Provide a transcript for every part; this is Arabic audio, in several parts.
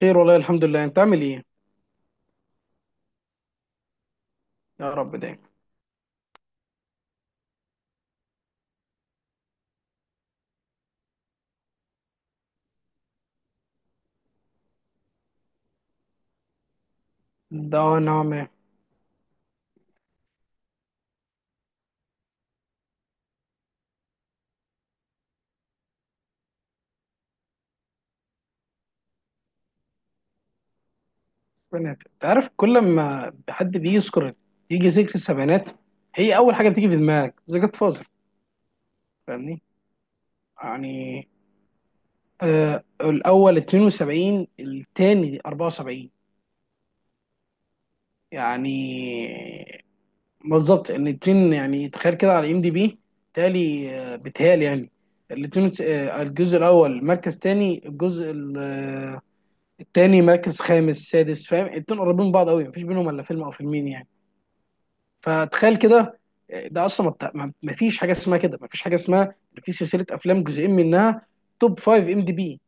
خير والله، الحمد لله. انت عامل ايه؟ يا رب دايما. ده نعمة. انت عارف كل ما حد بيجي يذكر، يجي ذكر السبعينات، هي اول حاجه بتيجي في دماغك ذا جاد فازر. فاهمني؟ يعني الاول 72، الثاني 74. يعني بالظبط، ان اتنين، يعني تخيل كده، على ام دي بي تالي، بتهيألي يعني الاتنين، الجزء الاول مركز تاني، الجزء التاني مركز خامس سادس. فاهم؟ الاتنين قريبين من بعض قوي، مفيش بينهم الا فيلم او فيلمين يعني. فتخيل كده، ده اصلا ما فيش حاجه اسمها كده، ما فيش حاجه اسمها إن في سلسله افلام جزئين منها توب 5 ام دي بي.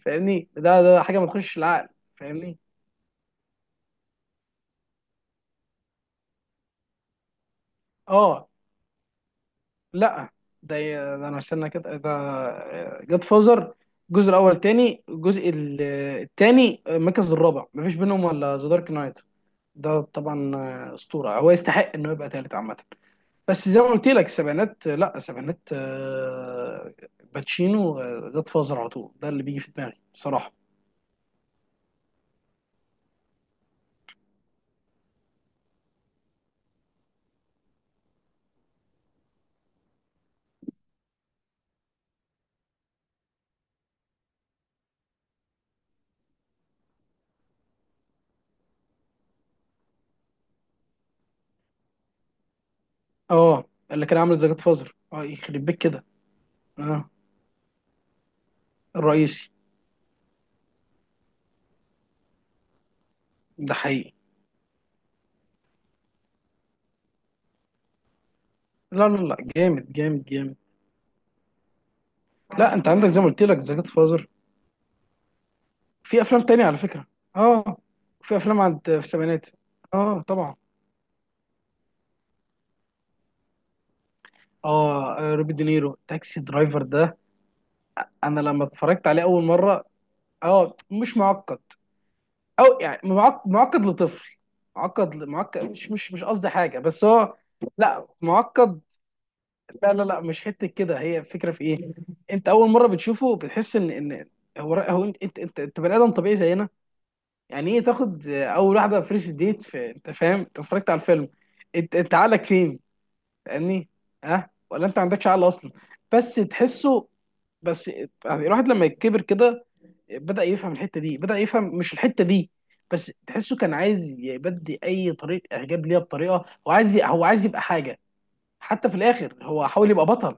فاهمني؟ ده حاجه ما تخش العقل. فاهمني؟ اه، لا. ده, ده انا استنى كده. ده جاد فازر الجزء الاول تاني، الجزء التاني المركز الرابع، ما فيش بينهم الا ذا دارك نايت. ده طبعا اسطوره، هو يستحق انه يبقى تالت عامه. بس زي ما قلت لك، السبعينات، لا السبعينات آه، باتشينو، جاد فازر، على طول ده اللي بيجي في دماغي الصراحه. اه، اللي كان عامل زي جاد فازر، اه يخرب بيك كده. اه، الرئيسي. ده حقيقي. لا جامد جامد جامد. لا، انت عندك زي ما قلت لك، زي جاد فازر، في افلام تانية على فكره. اه، في افلام في السبعينات. اه طبعا. اه، روبي دينيرو، تاكسي درايفر ده انا لما اتفرجت عليه اول مره، اه مش معقد. معقد لطفل، معقد، مش قصدي حاجه بس هو. لا معقد. لا مش حته كده، هي الفكره في ايه؟ انت اول مره بتشوفه بتحس ان هو انت انت بني ادم طبيعي زينا. يعني ايه تاخد اول واحده فيرست ديت في، انت فاهم؟ انت اتفرجت على الفيلم، انت عقلك فين؟ فاهمني؟ ها، ولا انت ما عندكش عقل اصلا؟ بس تحسه، بس يعني الواحد لما يكبر كده بدأ يفهم الحتة دي، بدأ يفهم مش الحتة دي. بس تحسه كان عايز يبدي أي طريقة إعجاب ليها، بطريقة هو عايز هو عايز يبقى حاجة. حتى في الآخر هو حاول يبقى بطل.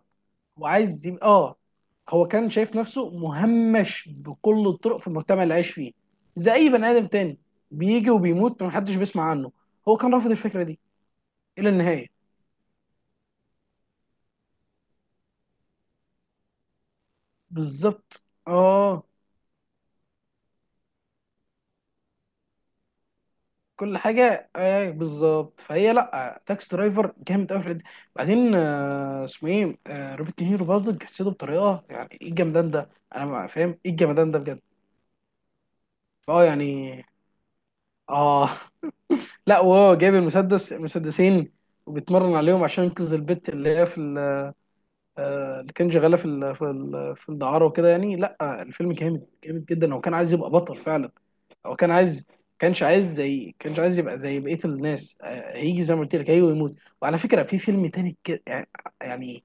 هو عايز يبقى آه، هو كان شايف نفسه مهمش بكل الطرق في المجتمع اللي عايش فيه، زي أي بني آدم تاني، بيجي وبيموت محدش بيسمع عنه. هو كان رافض الفكرة دي إلى النهاية. بالظبط آه. كل حاجه، ايه بالظبط، فهي لا، تاكس درايفر جامد قوي في الحتة دي. بعدين اسمه ايه، روبرت دينيرو، برضه جسده بطريقه، يعني ايه الجمدان ده؟ انا ما فاهم ايه الجمدان ده بجد. اه يعني، اه لا، وهو جايب المسدس، مسدسين، وبيتمرن عليهم عشان ينقذ البت اللي هي في اللي كان شغاله في في الدعاره وكده يعني. لا الفيلم جامد جامد جدا، لو كان عايز يبقى بطل فعلا. هو كان عايز، كانش عايز يبقى زي بقيه الناس، هيجي زي ما قلت لك، هيجي ويموت. وعلى فكره في فيلم تاني يعني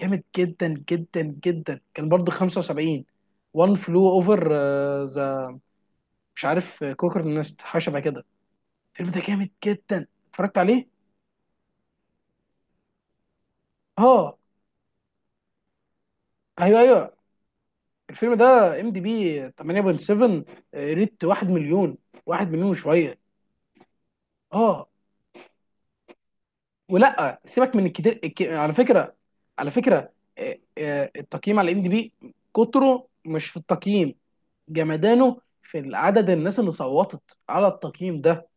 جامد جدا جدا جدا، كان برضه 75، وان فلو اوفر. ذا، مش عارف كوكر نست، حاجه شبه كده. الفيلم ده جامد جدا، اتفرجت عليه. اه. ايوه ايوه، الفيلم ده ام دي بي 8.7، ريت 1 مليون، 1 مليون وشويه. اه، ولا سيبك من الكتير على فكره، على فكره، التقييم على ام دي بي، كتره مش في التقييم، جمدانه في عدد الناس اللي صوتت على التقييم ده.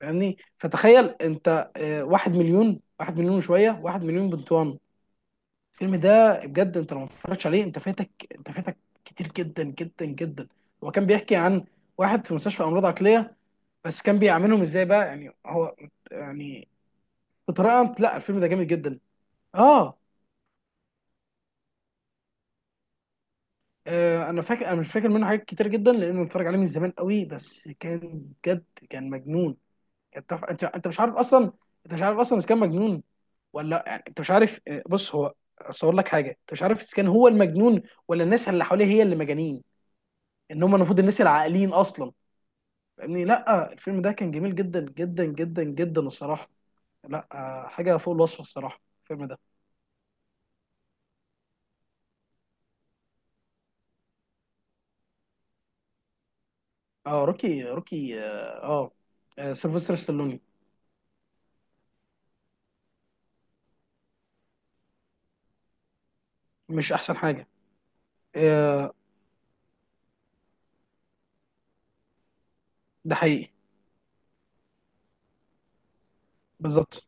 فاهمني؟ فتخيل انت، واحد مليون، واحد مليون وشويه، واحد مليون بنت وان. الفيلم ده بجد انت لو ما اتفرجتش عليه انت فاتك، انت فاتك كتير جدا جدا جدا. هو كان بيحكي عن واحد في مستشفى امراض عقليه، بس كان بيعاملهم ازاي بقى، يعني هو يعني بطريقه، لا الفيلم ده جامد جدا. اه. انا فاكر، انا مش فاكر منه حاجات كتير جدا لانه بتفرج عليه من زمان قوي، بس كان بجد كان مجنون. انت مش عارف اصلا، انت مش عارف اصلا اذا كان مجنون ولا لأ. يعني انت مش عارف. بص، هو اصور لك حاجه، انت مش عارف اذا كان هو المجنون ولا الناس اللي حواليه هي اللي مجانين، ان هم المفروض الناس العاقلين اصلا. فاهمني؟ لا الفيلم ده كان جميل جدا جدا جدا جدا الصراحه. لا حاجه فوق الوصف الصراحه الفيلم ده. اه روكي، روكي، سيلفستر ستالوني. مش احسن حاجه، آه. ده حقيقي. بالظبط.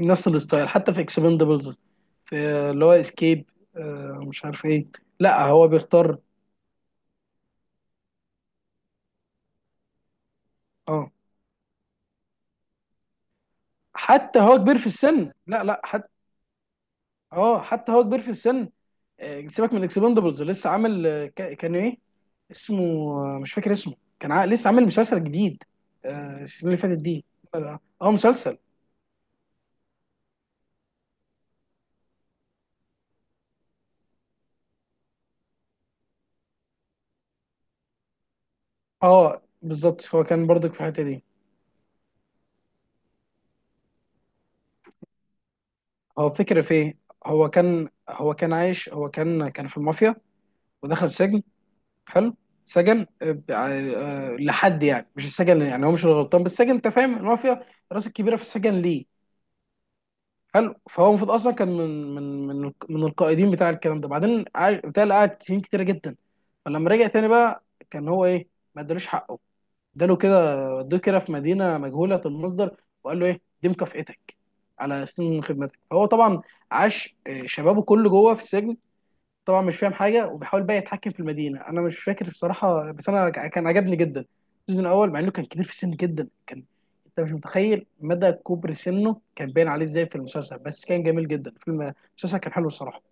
نفس الستايل حتى في اكسبندبلز، في اللي هو اسكيب، مش عارف ايه. لا هو بيختار. اه حتى هو كبير في السن. لا لا، حتى اه، حتى هو كبير في السن. سيبك من اكسبندبلز، لسه عامل، كان ايه اسمه، مش فاكر اسمه. لسه عامل مسلسل جديد، السنه اللي فاتت دي. اه مسلسل. اه بالظبط، هو كان برضك في الحته دي. هو الفكره في ايه؟ هو كان عايش، هو كان في المافيا ودخل سجن. حلو. سجن، لحد يعني مش السجن، يعني هو مش الغلطان، بس السجن، انت فاهم، المافيا الراس الكبيره في السجن ليه. حلو. فهو المفروض اصلا كان من القائدين بتاع الكلام ده، بعدين قعد- بتاع اللي قعد سنين كتيره جدا. فلما رجع تاني بقى، كان هو ايه، ما ادالوش حقه، اداله كده، ودوه كده في مدينه مجهوله المصدر، وقال له ايه دي مكافئتك على سنين خدمتك. فهو طبعا عاش شبابه كله جوه في السجن، طبعا مش فاهم حاجه، وبيحاول بقى يتحكم في المدينه. انا مش فاكر بصراحه، بس انا كان عجبني جدا السيزون الاول، مع انه كان كبير في السن جدا. كان، انت مش متخيل مدى كبر سنه، كان باين عليه ازاي في المسلسل، بس كان جميل جدا. فيلم، المسلسل كان حلو الصراحه.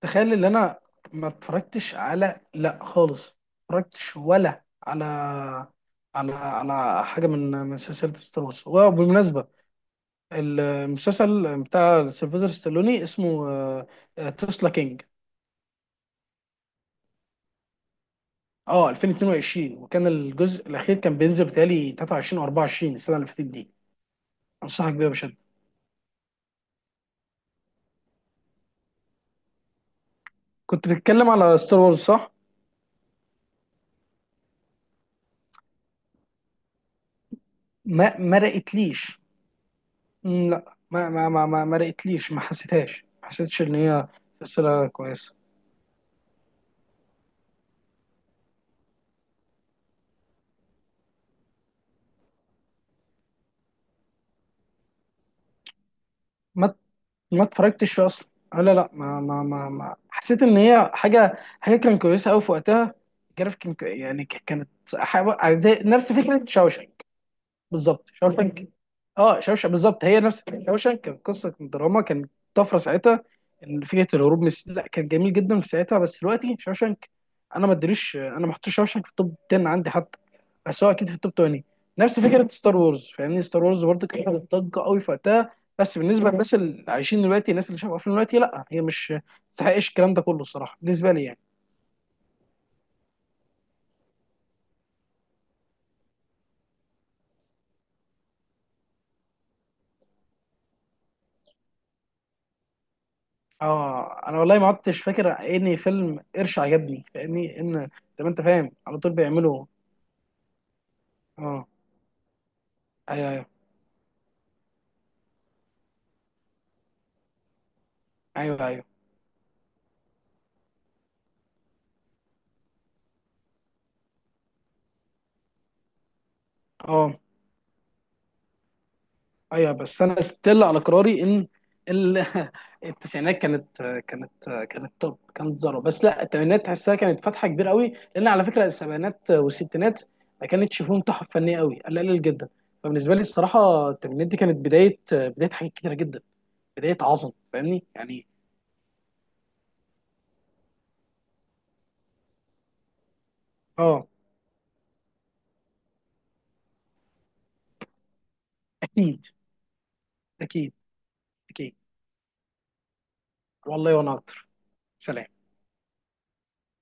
تخيل ان انا ما اتفرجتش على، لا خالص، ما اتفرجتش ولا على على حاجه من سلسله ستار وورز. وبالمناسبه، المسلسل بتاع سيلفستر ستالوني اسمه تسلا كينج. اه، 2022، وكان الجزء الاخير كان بينزل بتهيألي 23 او 24 السنه اللي فاتت دي. انصحك بيها بشده. كنت بتتكلم على ستار وورز صح؟ ما ما رأيتليش. مم، لا، ما رأيتليش، ما حسيتهاش، ما حسيتش ان هي سلسله كويسه. ما ما اتفرجتش فيها اصلا. آه، لا لا ما ما ما, ما. حسيت ان هي حاجه كانت كويسه قوي في وقتها، جرافيك كانت، زي نفس فكره شاوشنك. بالظبط شاوشانك. اه شاوشانك بالظبط، هي نفس شاوشانك، كان قصه دراما، كان طفره ساعتها. ان فكره الهروب من لا كان جميل جدا في ساعتها، بس دلوقتي شاوشانك انا ما ادريش، انا ما حطيتش شاوشانك في التوب 10 عندي حتى، بس هو اكيد في التوب 20. نفس فكره ستار وورز. فاهمني؟ ستار وورز برضه كانت عاملة ضجه قوي في وقتها، بس بالنسبه للناس اللي عايشين دلوقتي، الناس اللي شافوا افلام دلوقتي، لا هي مش ما تستحقش الكلام ده كله الصراحه بالنسبه لي يعني. اه. انا والله ما عدتش فاكر اني فيلم قرش عجبني. فاهمني؟ ان زي ما انت فاهم على طول بيعملوا، اه. ايوه ايوه، ايوه ايوه. اه ايوه، بس انا ستيل على قراري ان ال... التسعينات كانت، كانت كانت توب، كانت ذره. بس لا الثمانينات تحسها كانت فتحه كبيره قوي، لان على فكره السبعينات والستينات ما كانتش فيهم تحف فنيه قوي، قليل قليل جدا. فبالنسبه لي الصراحه الثمانينات دي كانت بدايه، بدايه حاجات كتيره جدا، بدايه عظمه. فاهمني يعني؟ اه. اكيد، اكيد. اكيد والله وانا اكتر. سلام.